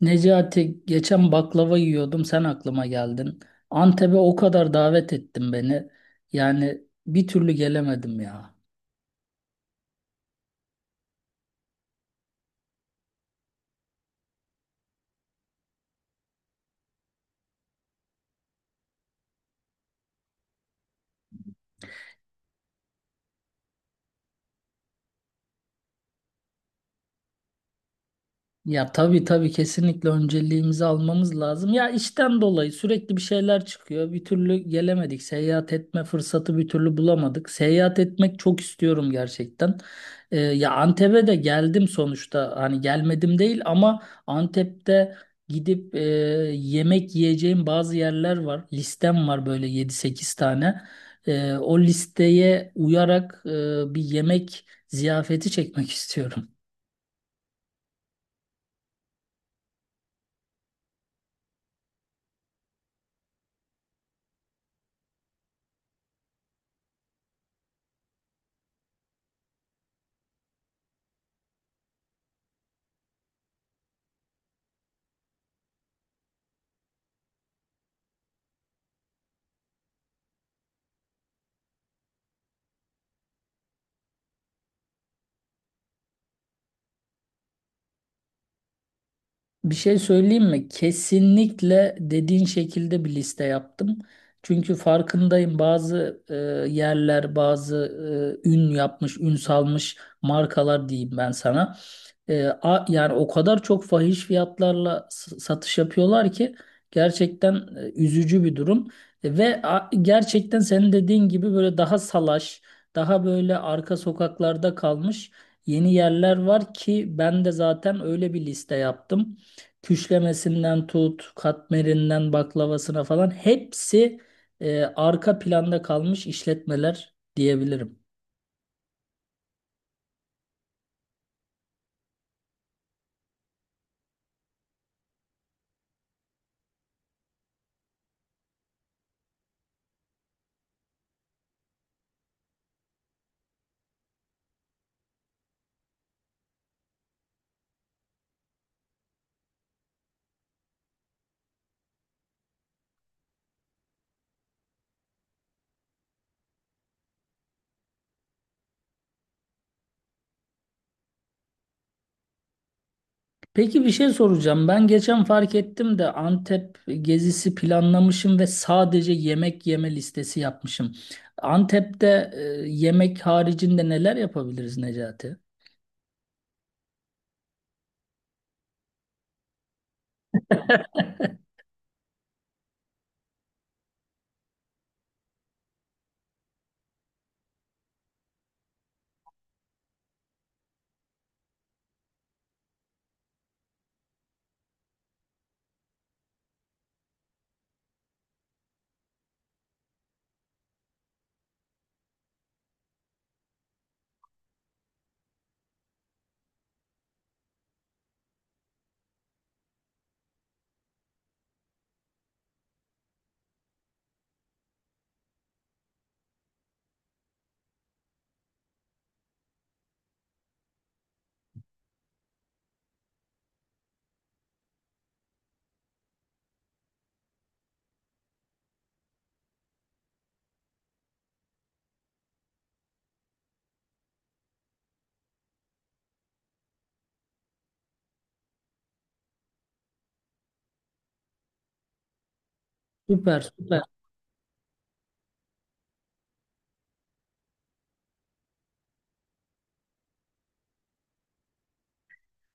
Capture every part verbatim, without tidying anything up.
Necati geçen baklava yiyordum sen aklıma geldin. Antep'e o kadar davet ettin beni. Yani bir türlü gelemedim ya. Ya tabii tabii kesinlikle önceliğimizi almamız lazım. Ya işten dolayı sürekli bir şeyler çıkıyor. Bir türlü gelemedik. Seyahat etme fırsatı bir türlü bulamadık. Seyahat etmek çok istiyorum gerçekten. Ee, ya Antep'e de geldim sonuçta. Hani gelmedim değil ama Antep'te gidip e, yemek yiyeceğim bazı yerler var. Listem var böyle yedi sekiz tane. Ee, o listeye uyarak e, bir yemek ziyafeti çekmek istiyorum. Bir şey söyleyeyim mi? Kesinlikle dediğin şekilde bir liste yaptım. Çünkü farkındayım bazı e, yerler, bazı e, ün yapmış, ün salmış markalar diyeyim ben sana. E, a- yani o kadar çok fahiş fiyatlarla s- satış yapıyorlar ki gerçekten e, üzücü bir durum. E, ve a- gerçekten senin dediğin gibi böyle daha salaş, daha böyle arka sokaklarda kalmış yeni yerler var ki ben de zaten öyle bir liste yaptım. Küşlemesinden tut, katmerinden baklavasına falan hepsi e, arka planda kalmış işletmeler diyebilirim. Peki bir şey soracağım. Ben geçen fark ettim de Antep gezisi planlamışım ve sadece yemek yeme listesi yapmışım. Antep'te e, yemek haricinde neler yapabiliriz, Necati? Süper, süper.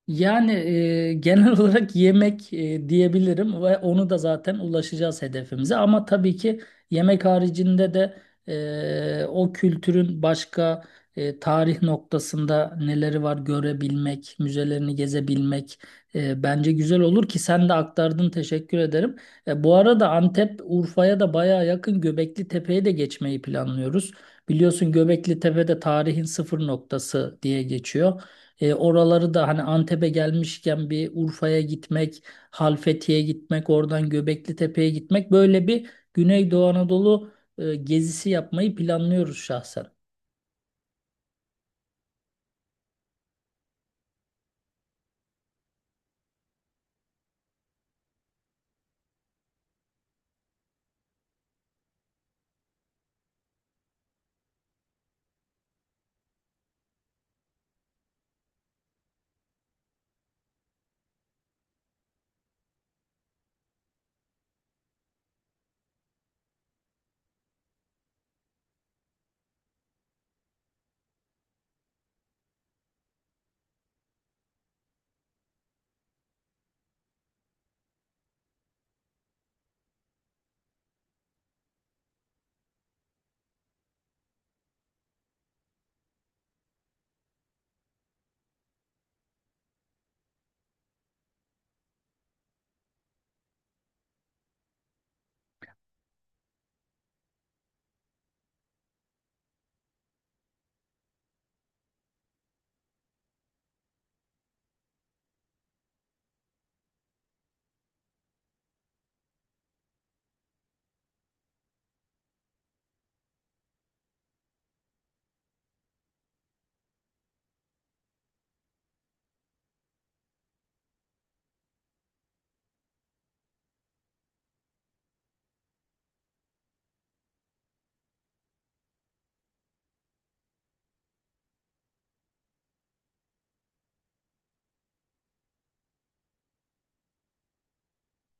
Yani e, genel olarak yemek e, diyebilirim ve onu da zaten ulaşacağız hedefimize. Ama tabii ki yemek haricinde de e, o kültürün başka e, tarih noktasında neleri var görebilmek, müzelerini gezebilmek e, bence güzel olur ki sen de aktardın, teşekkür ederim. E, bu arada Antep Urfa'ya da bayağı yakın, Göbekli Tepe'ye de geçmeyi planlıyoruz. Biliyorsun Göbekli Tepe de tarihin sıfır noktası diye geçiyor. E, oraları da hani Antep'e gelmişken bir Urfa'ya gitmek, Halfeti'ye gitmek, oradan Göbekli Tepe'ye gitmek, böyle bir Güneydoğu Anadolu e, gezisi yapmayı planlıyoruz şahsen.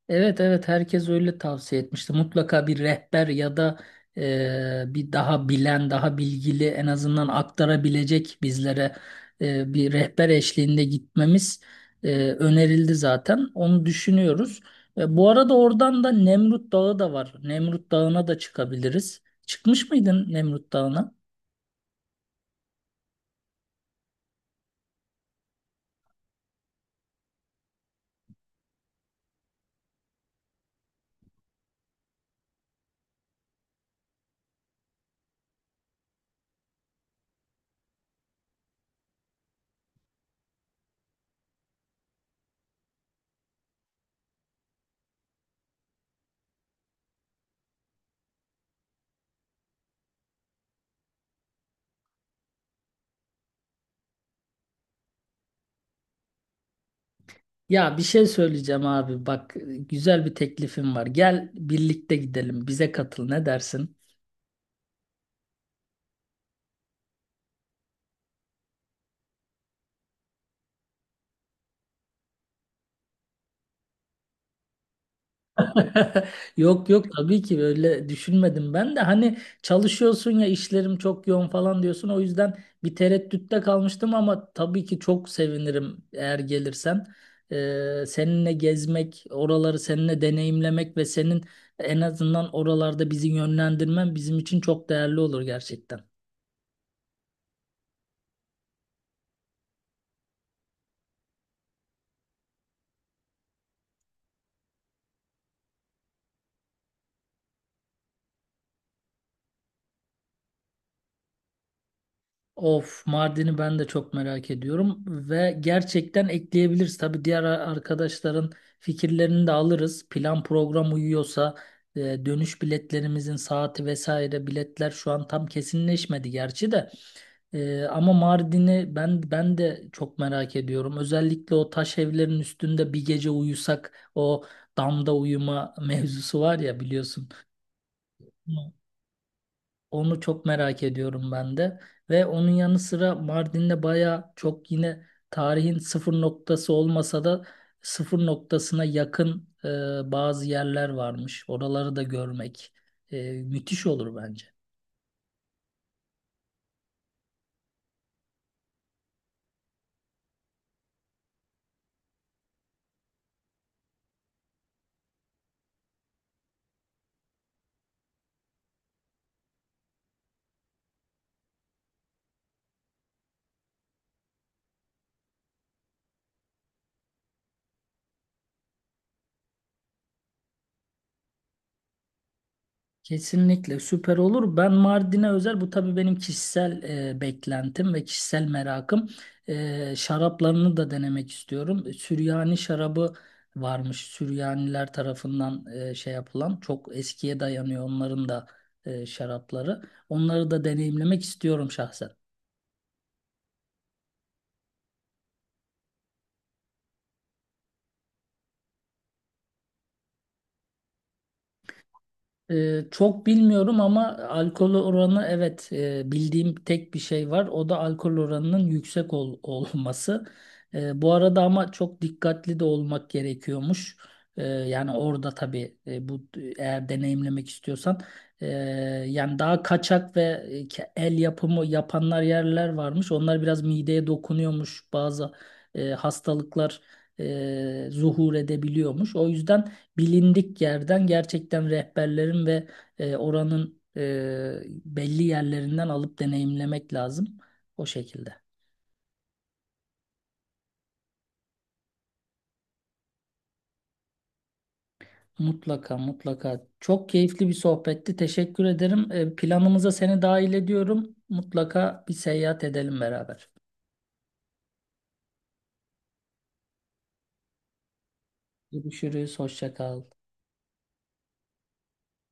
Evet evet, herkes öyle tavsiye etmişti. Mutlaka bir rehber ya da e, bir daha bilen, daha bilgili, en azından aktarabilecek bizlere e, bir rehber eşliğinde gitmemiz e, önerildi zaten. Onu düşünüyoruz. E, bu arada oradan da Nemrut Dağı da var. Nemrut Dağı'na da çıkabiliriz. Çıkmış mıydın Nemrut Dağı'na? Ya bir şey söyleyeceğim abi. Bak, güzel bir teklifim var. Gel birlikte gidelim. Bize katıl. Ne dersin? Yok yok, tabii ki öyle düşünmedim ben de hani çalışıyorsun ya, işlerim çok yoğun falan diyorsun, o yüzden bir tereddütte kalmıştım, ama tabii ki çok sevinirim eğer gelirsen. Ee, seninle gezmek, oraları seninle deneyimlemek ve senin en azından oralarda bizi yönlendirmen bizim için çok değerli olur gerçekten. Of, Mardin'i ben de çok merak ediyorum ve gerçekten ekleyebiliriz. Tabii diğer ar- arkadaşların fikirlerini de alırız. Plan program uyuyorsa e, dönüş biletlerimizin saati vesaire, biletler şu an tam kesinleşmedi gerçi de. E, ama Mardin'i ben ben de çok merak ediyorum. Özellikle o taş evlerin üstünde bir gece uyusak, o damda uyuma mevzusu var ya, biliyorsun. Onu çok merak ediyorum ben de. Ve onun yanı sıra Mardin'de baya çok, yine tarihin sıfır noktası olmasa da sıfır noktasına yakın e, bazı yerler varmış. Oraları da görmek e, müthiş olur bence. Kesinlikle süper olur. Ben Mardin'e özel bu, tabii benim kişisel e, beklentim ve kişisel merakım. E, şaraplarını da denemek istiyorum. Süryani şarabı varmış. Süryaniler tarafından e, şey yapılan, çok eskiye dayanıyor onların da e, şarapları. Onları da deneyimlemek istiyorum şahsen. Ee, çok bilmiyorum ama alkol oranı, evet e, bildiğim tek bir şey var. O da alkol oranının yüksek ol- olması. Ee, bu arada ama çok dikkatli de olmak gerekiyormuş. Ee, yani orada tabii e, bu, eğer deneyimlemek istiyorsan e, yani daha kaçak ve e, ke- el yapımı yapanlar yerler varmış. Onlar biraz mideye dokunuyormuş. Bazı e, hastalıklar e, zuhur edebiliyormuş. O yüzden bilindik yerden, gerçekten rehberlerin ve e, oranın e, belli yerlerinden alıp deneyimlemek lazım. O şekilde. Mutlaka mutlaka. Çok keyifli bir sohbetti, teşekkür ederim. E, planımıza seni dahil ediyorum. Mutlaka bir seyahat edelim beraber. Görüşürüz. Hoşça kal.